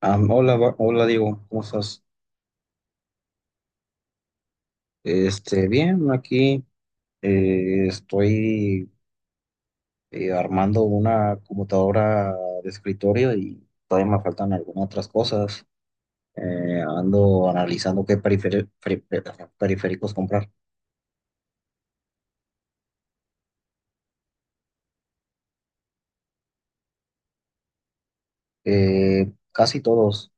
Hola, hola Diego, ¿cómo estás? Bien, aquí estoy armando una computadora de escritorio y todavía me faltan algunas otras cosas. Ando analizando qué periféricos comprar. Casi todos,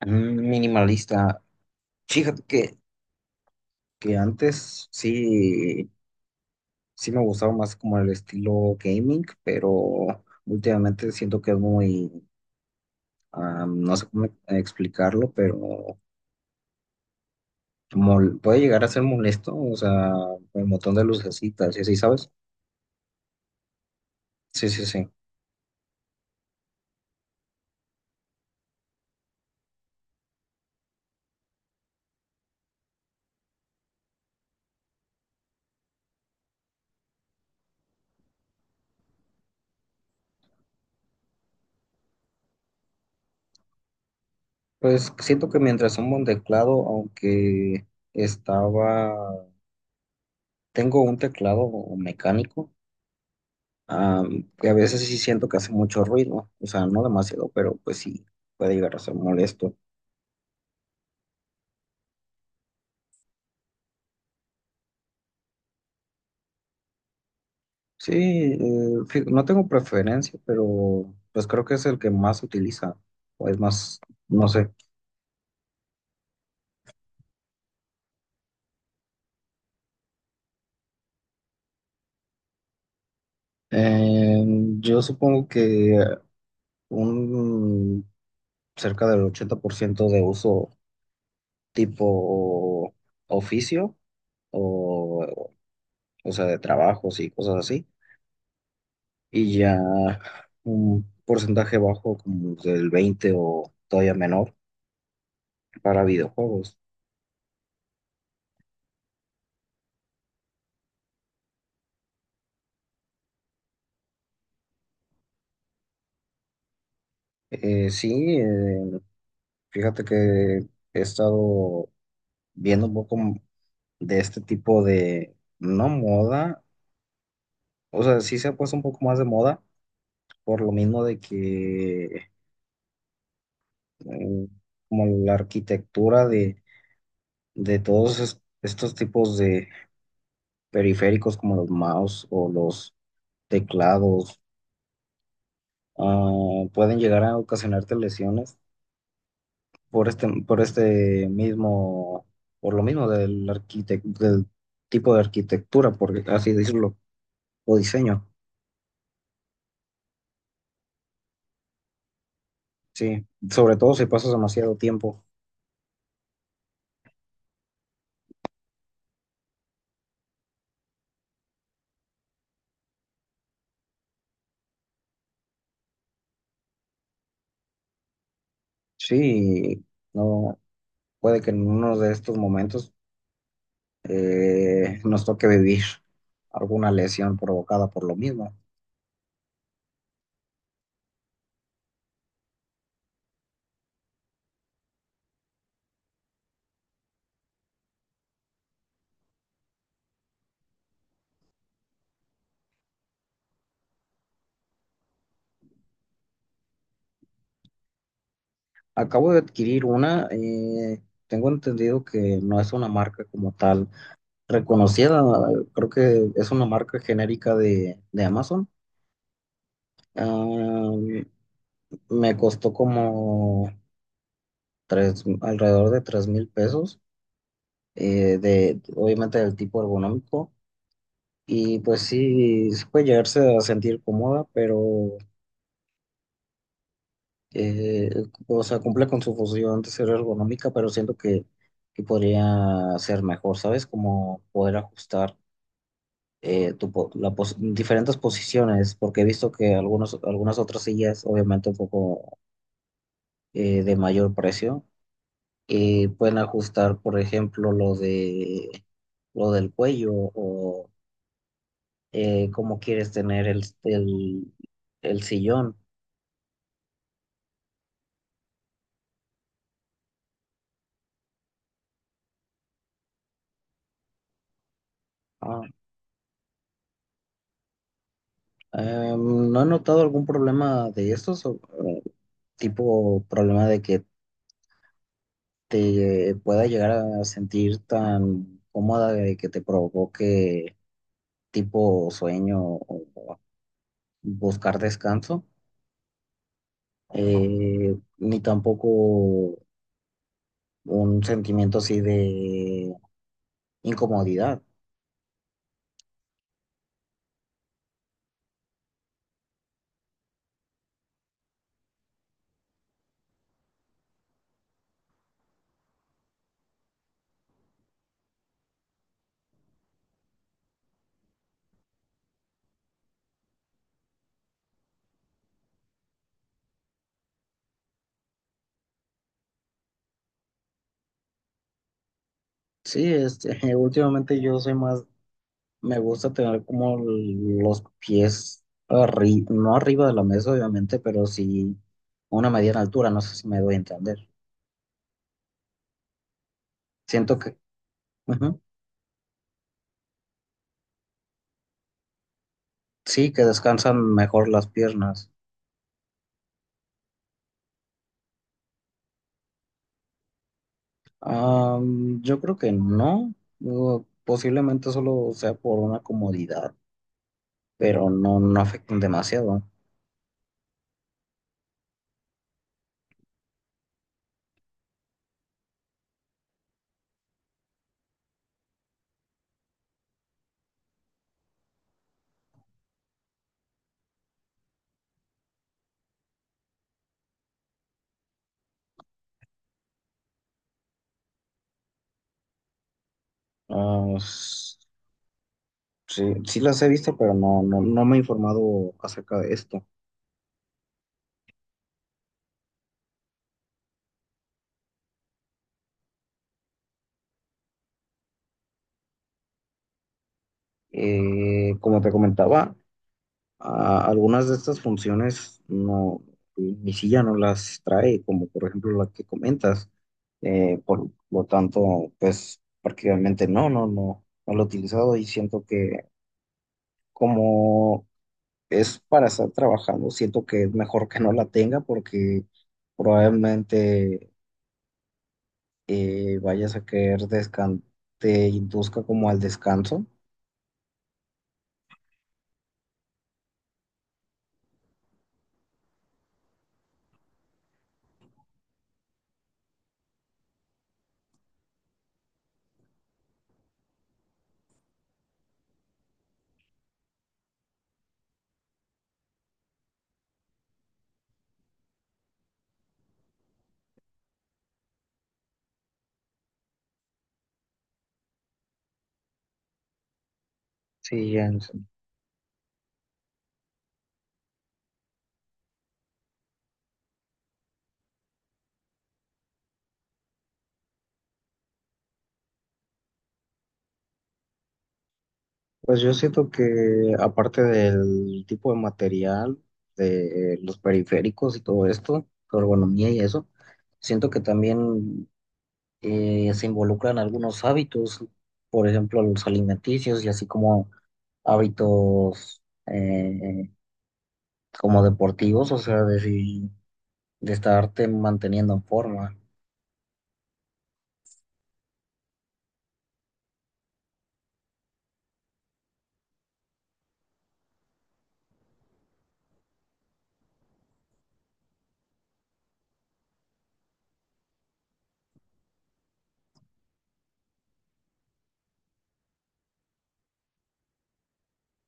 minimalista. Fíjate que antes sí, sí me gustaba más como el estilo gaming, pero últimamente siento que es muy no sé cómo explicarlo, pero puede llegar a ser molesto, o sea, el montón de lucecitas y así, ¿sabes? Sí, sí, sí. Pues siento que mientras un buen teclado, estaba, tengo un teclado mecánico, ah, que a veces sí siento que hace mucho ruido, o sea, no demasiado, pero pues sí, puede llegar a ser molesto. Sí, eh, no tengo preferencia, pero pues creo que es el que más se utiliza, o es más, no sé. Eh, yo supongo que un cerca del 80% de uso tipo oficio o, o sea, de trabajos y cosas así. Y ya un porcentaje bajo como del 20 o todavía menor para videojuegos. Eh, sí, eh, Fíjate que he estado viendo un poco de este tipo de, no moda, o sea, sí se ha puesto un poco más de moda por lo mismo de que mm, como la arquitectura de todos estos tipos de periféricos como los mouse o los teclados pueden llegar a ocasionarte lesiones por este mismo, por lo mismo del del tipo de arquitectura, por así decirlo, o diseño. Sí, sobre todo si pasas demasiado tiempo. Sí, no, puede que en uno de estos momentos nos toque vivir alguna lesión provocada por lo mismo. Acabo de adquirir una, tengo entendido que no es una marca como tal reconocida, creo que es una marca genérica de Amazon. Ah, Me costó como tres, alrededor de 3000 pesos, obviamente del tipo ergonómico. Y pues sí, sí puede llegarse a sentir cómoda, pero eh, o sea, cumple con su función de ser ergonómica, pero siento que podría ser mejor, ¿sabes? Como poder ajustar tu diferentes posiciones, porque he visto que algunos, algunas otras sillas, obviamente un poco de mayor precio, pueden ajustar, por ejemplo, lo de, lo del cuello o cómo quieres tener el sillón. Ah, ¿No he notado algún problema de estos? Tipo problema de que te pueda llegar a sentir tan cómoda de que te provoque tipo sueño o buscar descanso, ni tampoco un sentimiento así de incomodidad. Sí, este, últimamente yo soy más, me gusta tener como los pies no arriba de la mesa, obviamente, pero sí una mediana altura, no sé si me doy a entender. Siento que... ujú. Sí, que descansan mejor las piernas. Yo creo que no. Digo, posiblemente solo sea por una comodidad, pero no, no afectan demasiado. Ah, s- sí, sí las he visto, pero no, no, no me he informado acerca de esto. Como te comentaba, algunas de estas funciones no, mi silla no las trae, como por ejemplo la que comentas. Por lo tanto, pues prácticamente no, no lo he utilizado y siento que como es para estar trabajando, siento que es mejor que no la tenga porque probablemente vayas a querer descan te induzca como al descanso. Sí, ya. Pues yo siento que aparte del tipo de material, de los periféricos y todo esto, tu ergonomía y eso, siento que también se involucran algunos hábitos, por ejemplo, los alimenticios y así como hábitos eh, como deportivos, o sea, de, si- de estarte manteniendo en forma.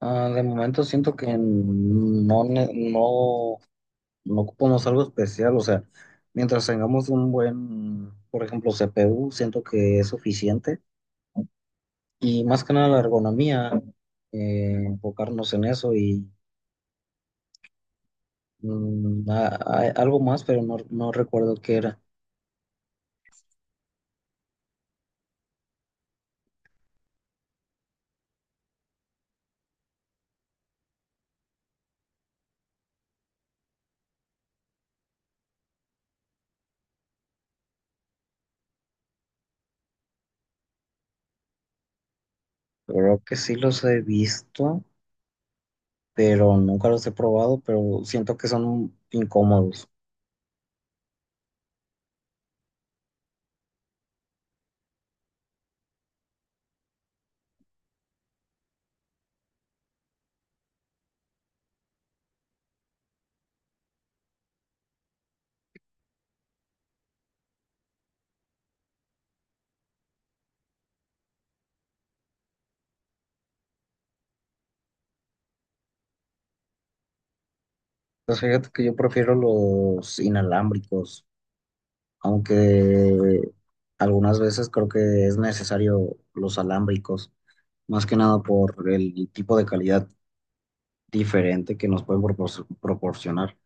De momento siento que no, no no ocupamos algo especial, o sea, mientras tengamos un buen, por ejemplo, CPU, siento que es suficiente. Y más que nada la ergonomía, enfocarnos en eso y algo más, pero no, no recuerdo qué era. Creo que sí los he visto, pero nunca los he probado, pero siento que son incómodos. Pues fíjate que yo prefiero los inalámbricos, aunque algunas veces creo que es necesario los alámbricos, más que nada por el tipo de calidad diferente que nos pueden proporcionar.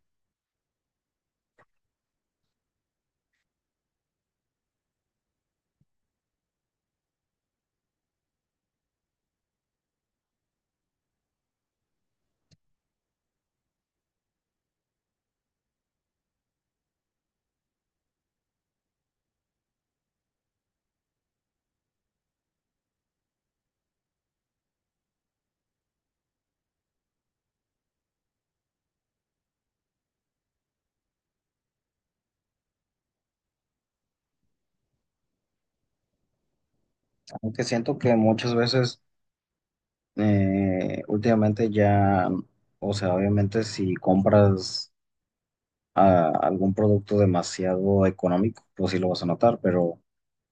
Aunque siento que muchas veces últimamente ya, o sea, obviamente si compras algún producto demasiado económico, pues sí lo vas a notar, pero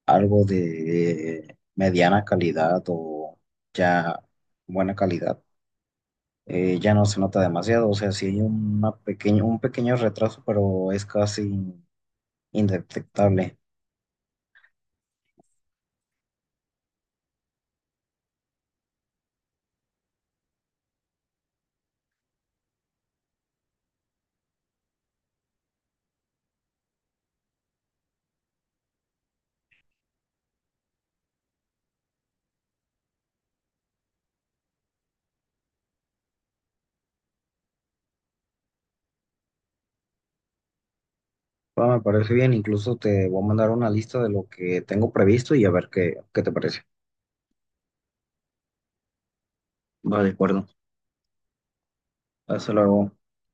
algo de mediana calidad o ya buena calidad. Ya no se nota demasiado, o sea, sí hay una pequeña, un pequeño retraso, pero es casi indetectable. Va, me parece bien, incluso te voy a mandar una lista de lo que tengo previsto y a ver qué, qué te parece. Va, de acuerdo. Hasta luego.